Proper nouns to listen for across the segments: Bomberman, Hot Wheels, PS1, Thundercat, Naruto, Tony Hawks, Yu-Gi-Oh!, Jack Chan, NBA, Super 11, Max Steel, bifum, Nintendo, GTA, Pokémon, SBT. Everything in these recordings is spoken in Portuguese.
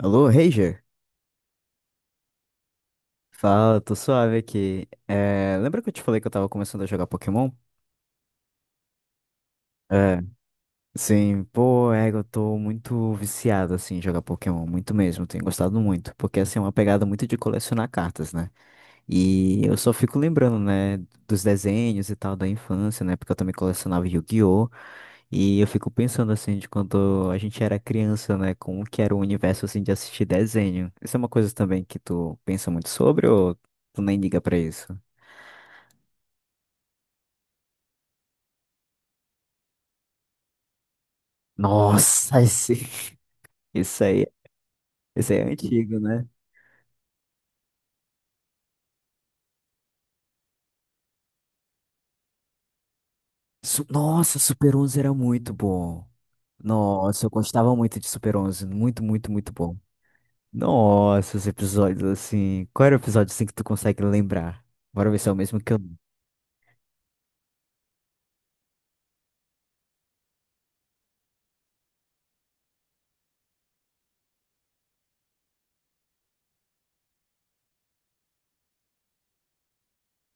Alô, Ranger? Fala, tô suave aqui. É, lembra que eu te falei que eu tava começando a jogar Pokémon? É, sim, pô, é, eu tô muito viciado, assim, em jogar Pokémon, muito mesmo, tenho gostado muito, porque, assim, é uma pegada muito de colecionar cartas, né? E eu só fico lembrando, né, dos desenhos e tal da infância, né, porque eu também colecionava Yu-Gi-Oh! E eu fico pensando, assim, de quando a gente era criança, né, como que era o universo, assim, de assistir desenho. Isso é uma coisa também que tu pensa muito sobre ou tu nem liga pra isso? Nossa, esse, esse aí, é antigo, né? Nossa, Super 11 era muito bom. Nossa, eu gostava muito de Super 11, muito, muito, muito bom. Nossa, os episódios assim. Qual era o episódio assim que tu consegue lembrar? Bora ver se é o mesmo que eu.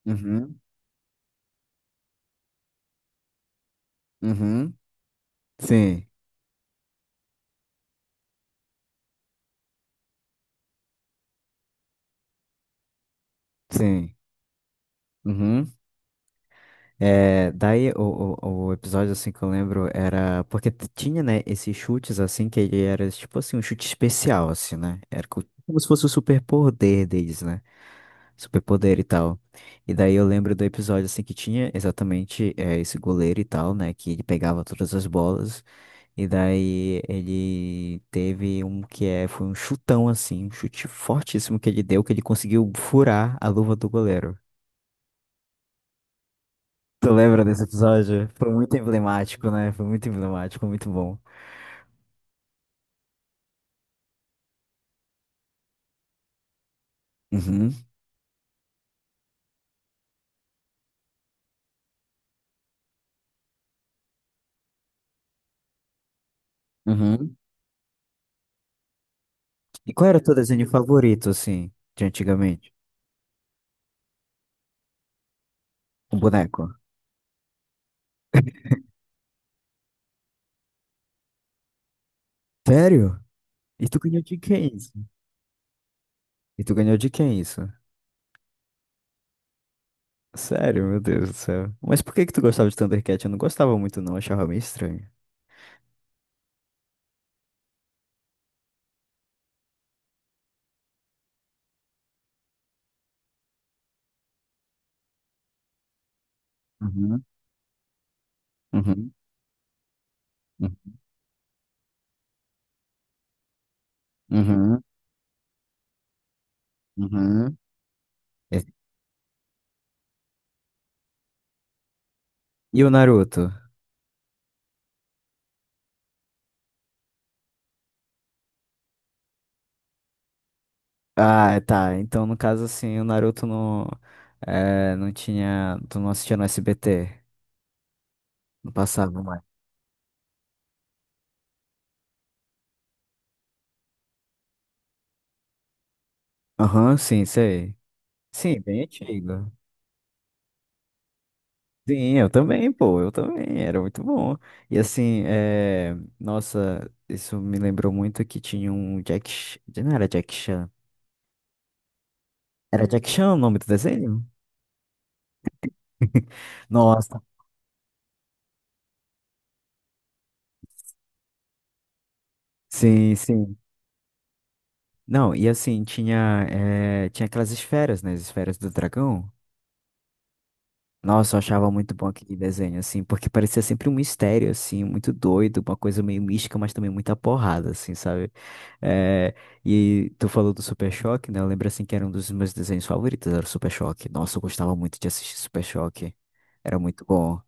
Uhum, uhum. Sim, sim. Uhum. É, daí o episódio assim que eu lembro era porque tinha, né, esses chutes assim que ele era tipo assim um chute especial assim, né? Era como se fosse o superpoder deles, né? Superpoder e tal. E daí eu lembro do episódio assim que tinha exatamente é, esse goleiro e tal, né, que ele pegava todas as bolas e daí ele teve um que é foi um chutão assim, um chute fortíssimo que ele deu que ele conseguiu furar a luva do goleiro. Tu lembra desse episódio? Foi muito emblemático, né? Foi muito emblemático, muito bom. Uhum, uhum. E qual era o teu desenho favorito, assim, de antigamente? Um boneco. Sério? E tu ganhou de quem isso? E tu ganhou de quem isso? Sério, meu Deus do céu. Mas por que que tu gostava de Thundercat? Eu não gostava muito, não. Achava meio estranho. Uhum, uhum, uhum, uhum. Uhum. Esse- E o Naruto? Ah, tá. Então, no caso, assim, o Naruto não, é, não tinha. Tu não assistia no SBT. Não passava mais. Aham, sim, sei. Sim, bem antigo. Sim, eu também, pô, eu também, era muito bom. E assim, nossa, isso me lembrou muito que tinha um Jack. Não era Jack Chan. Era Jack Chan o nome do desenho? Nossa, sim, sim. Não, e assim, tinha aquelas esferas, né? As esferas do dragão. Nossa, eu achava muito bom aquele desenho, assim, porque parecia sempre um mistério, assim, muito doido, uma coisa meio mística, mas também muita porrada, assim, sabe? Eh, e tu falou do Super Choque, né? Eu lembro, assim, que era um dos meus desenhos favoritos, era o Super Choque. Nossa, eu gostava muito de assistir Super Choque. Era muito bom,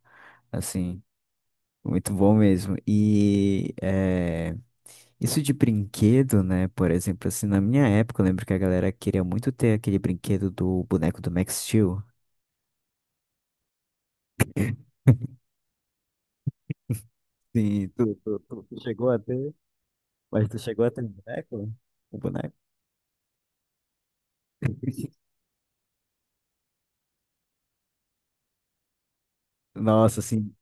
assim, muito bom mesmo. E isso de brinquedo, né? Por exemplo, assim, na minha época, eu lembro que a galera queria muito ter aquele brinquedo do boneco do Max Steel. Sim, tu chegou a ter? Mas tu chegou a ter um boneco? O boneco? Nossa, sim.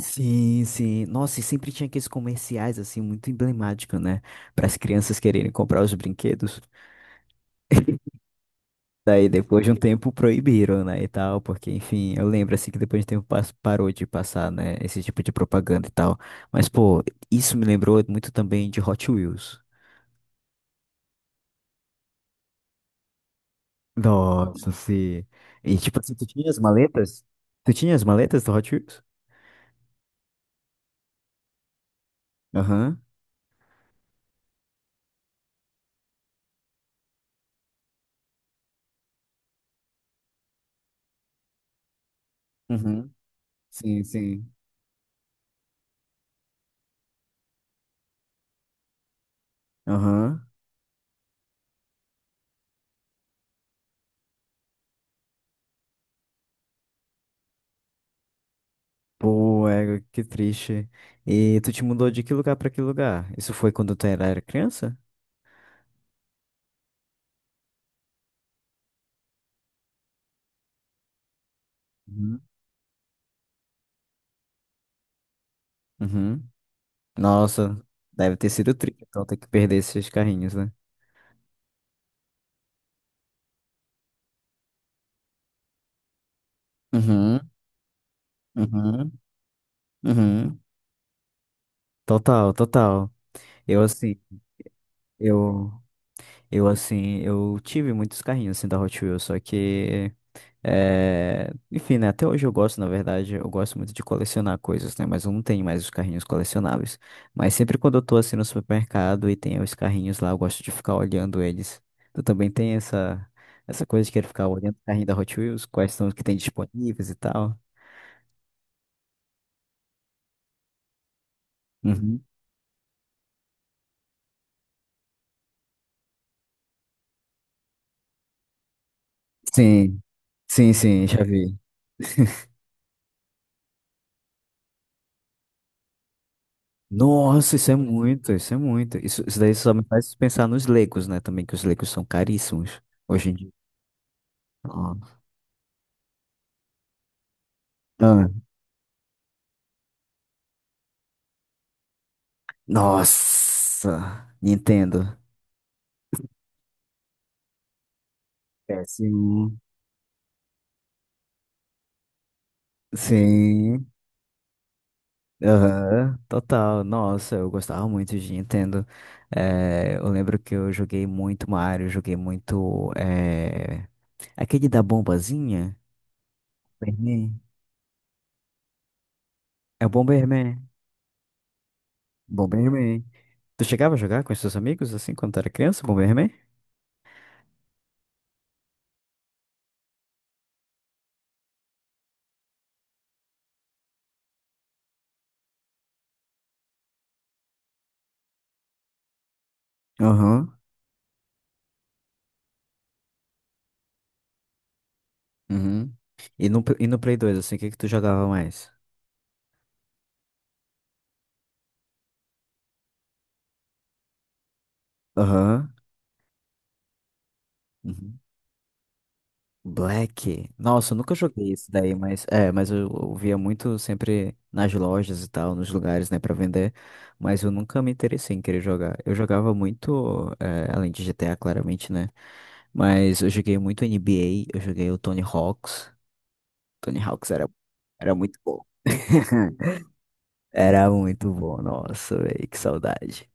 Sim, sim. Nossa, e sempre tinha aqueles comerciais, assim, muito emblemáticos, né? Para as crianças quererem comprar os brinquedos. Daí, depois de um tempo, proibiram, né? E tal, porque, enfim, eu lembro, assim, que depois de um tempo parou de passar, né? Esse tipo de propaganda e tal. Mas, pô, isso me lembrou muito também de Hot Wheels. Nossa, sim. E, tipo assim, tu tinha as maletas? Tu tinha as maletas do Hot Wheels? Aham. Uhum. Sim, sim. Aham. Pô, é, que triste. E tu te mudou de que lugar pra que lugar? Isso foi quando tu era criança? Uhum. Uhum. Nossa, deve ter sido triste, então ter que perder esses carrinhos, né? Uhum, uhum, uhum. Total, total. Eu assim, eu, eu assim, eu tive muitos carrinhos assim da Hot Wheels, só que é, enfim, né? Até hoje eu gosto, na verdade, eu gosto muito de colecionar coisas, né? Mas eu não tenho mais os carrinhos colecionáveis. Mas sempre quando eu tô assim no supermercado e tem os carrinhos lá, eu gosto de ficar olhando eles. Tu também tem essa, essa coisa de querer ficar olhando o carrinho da Hot Wheels, quais são os que tem disponíveis e tal. Uhum. Sim, sim, sim, já vi. Nossa, isso é muito, isso é muito. Isso daí só me faz pensar nos Legos, né? Também que os Legos são caríssimos hoje em dia. Ah. Nossa, Nintendo. PS1. Sim, aham, total. Nossa, eu gostava muito de Nintendo. Eu lembro que eu joguei muito Mario, joguei muito. Aquele da bombazinha? Bomberman. É o Bomberman. Bomberman. Tu chegava a jogar com os seus amigos assim quando tu era criança, Bomberman? Aham. Uhum. E no Play 2, assim, o que que tu jogava mais? Aham. Uhum. Black. Nossa, eu nunca joguei isso daí, mas é, mas eu via muito sempre nas lojas e tal, nos lugares, né, pra vender, mas eu nunca me interessei em querer jogar. Eu jogava muito, é, além de GTA, claramente, né? Mas eu joguei muito NBA, eu joguei o Tony Hawks. Tony Hawks era muito bom. Era muito bom, nossa, velho, que saudade.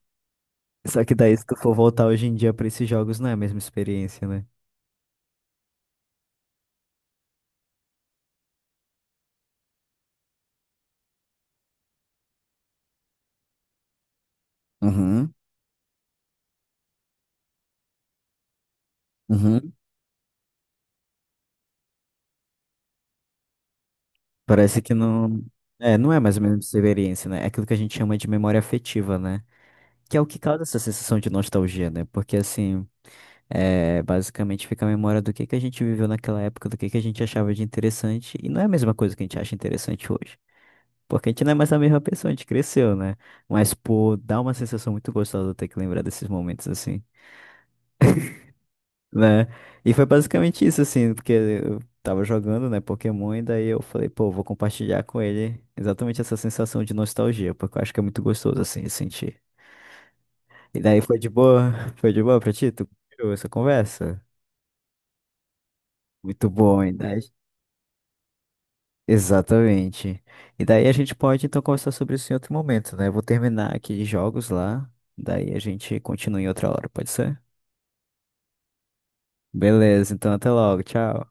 Só que daí, se tu for voltar hoje em dia pra esses jogos, não é a mesma experiência, né? Uhum, uhum. Parece que não. É, não é mais ou menos experiência, né? É aquilo que a gente chama de memória afetiva, né? Que é o que causa essa sensação de nostalgia, né? Porque, assim, é, basicamente fica a memória do que a gente viveu naquela época, do que a gente achava de interessante, e não é a mesma coisa que a gente acha interessante hoje. Porque a gente não é mais a mesma pessoa, a gente cresceu, né? Mas, pô, dá uma sensação muito gostosa ter que lembrar desses momentos, assim. Né? E foi basicamente isso, assim, porque eu tava jogando, né, Pokémon, e daí eu falei, pô, vou compartilhar com ele exatamente essa sensação de nostalgia, porque eu acho que é muito gostoso, assim, de sentir. E daí foi de boa, foi de boa pra ti, tu curtiu essa conversa? Muito bom, e daí... Exatamente. E daí a gente pode, então, conversar sobre isso em outro momento, né? Eu vou terminar aqui de jogos lá, daí a gente continua em outra hora, pode ser? Beleza, então até logo, tchau.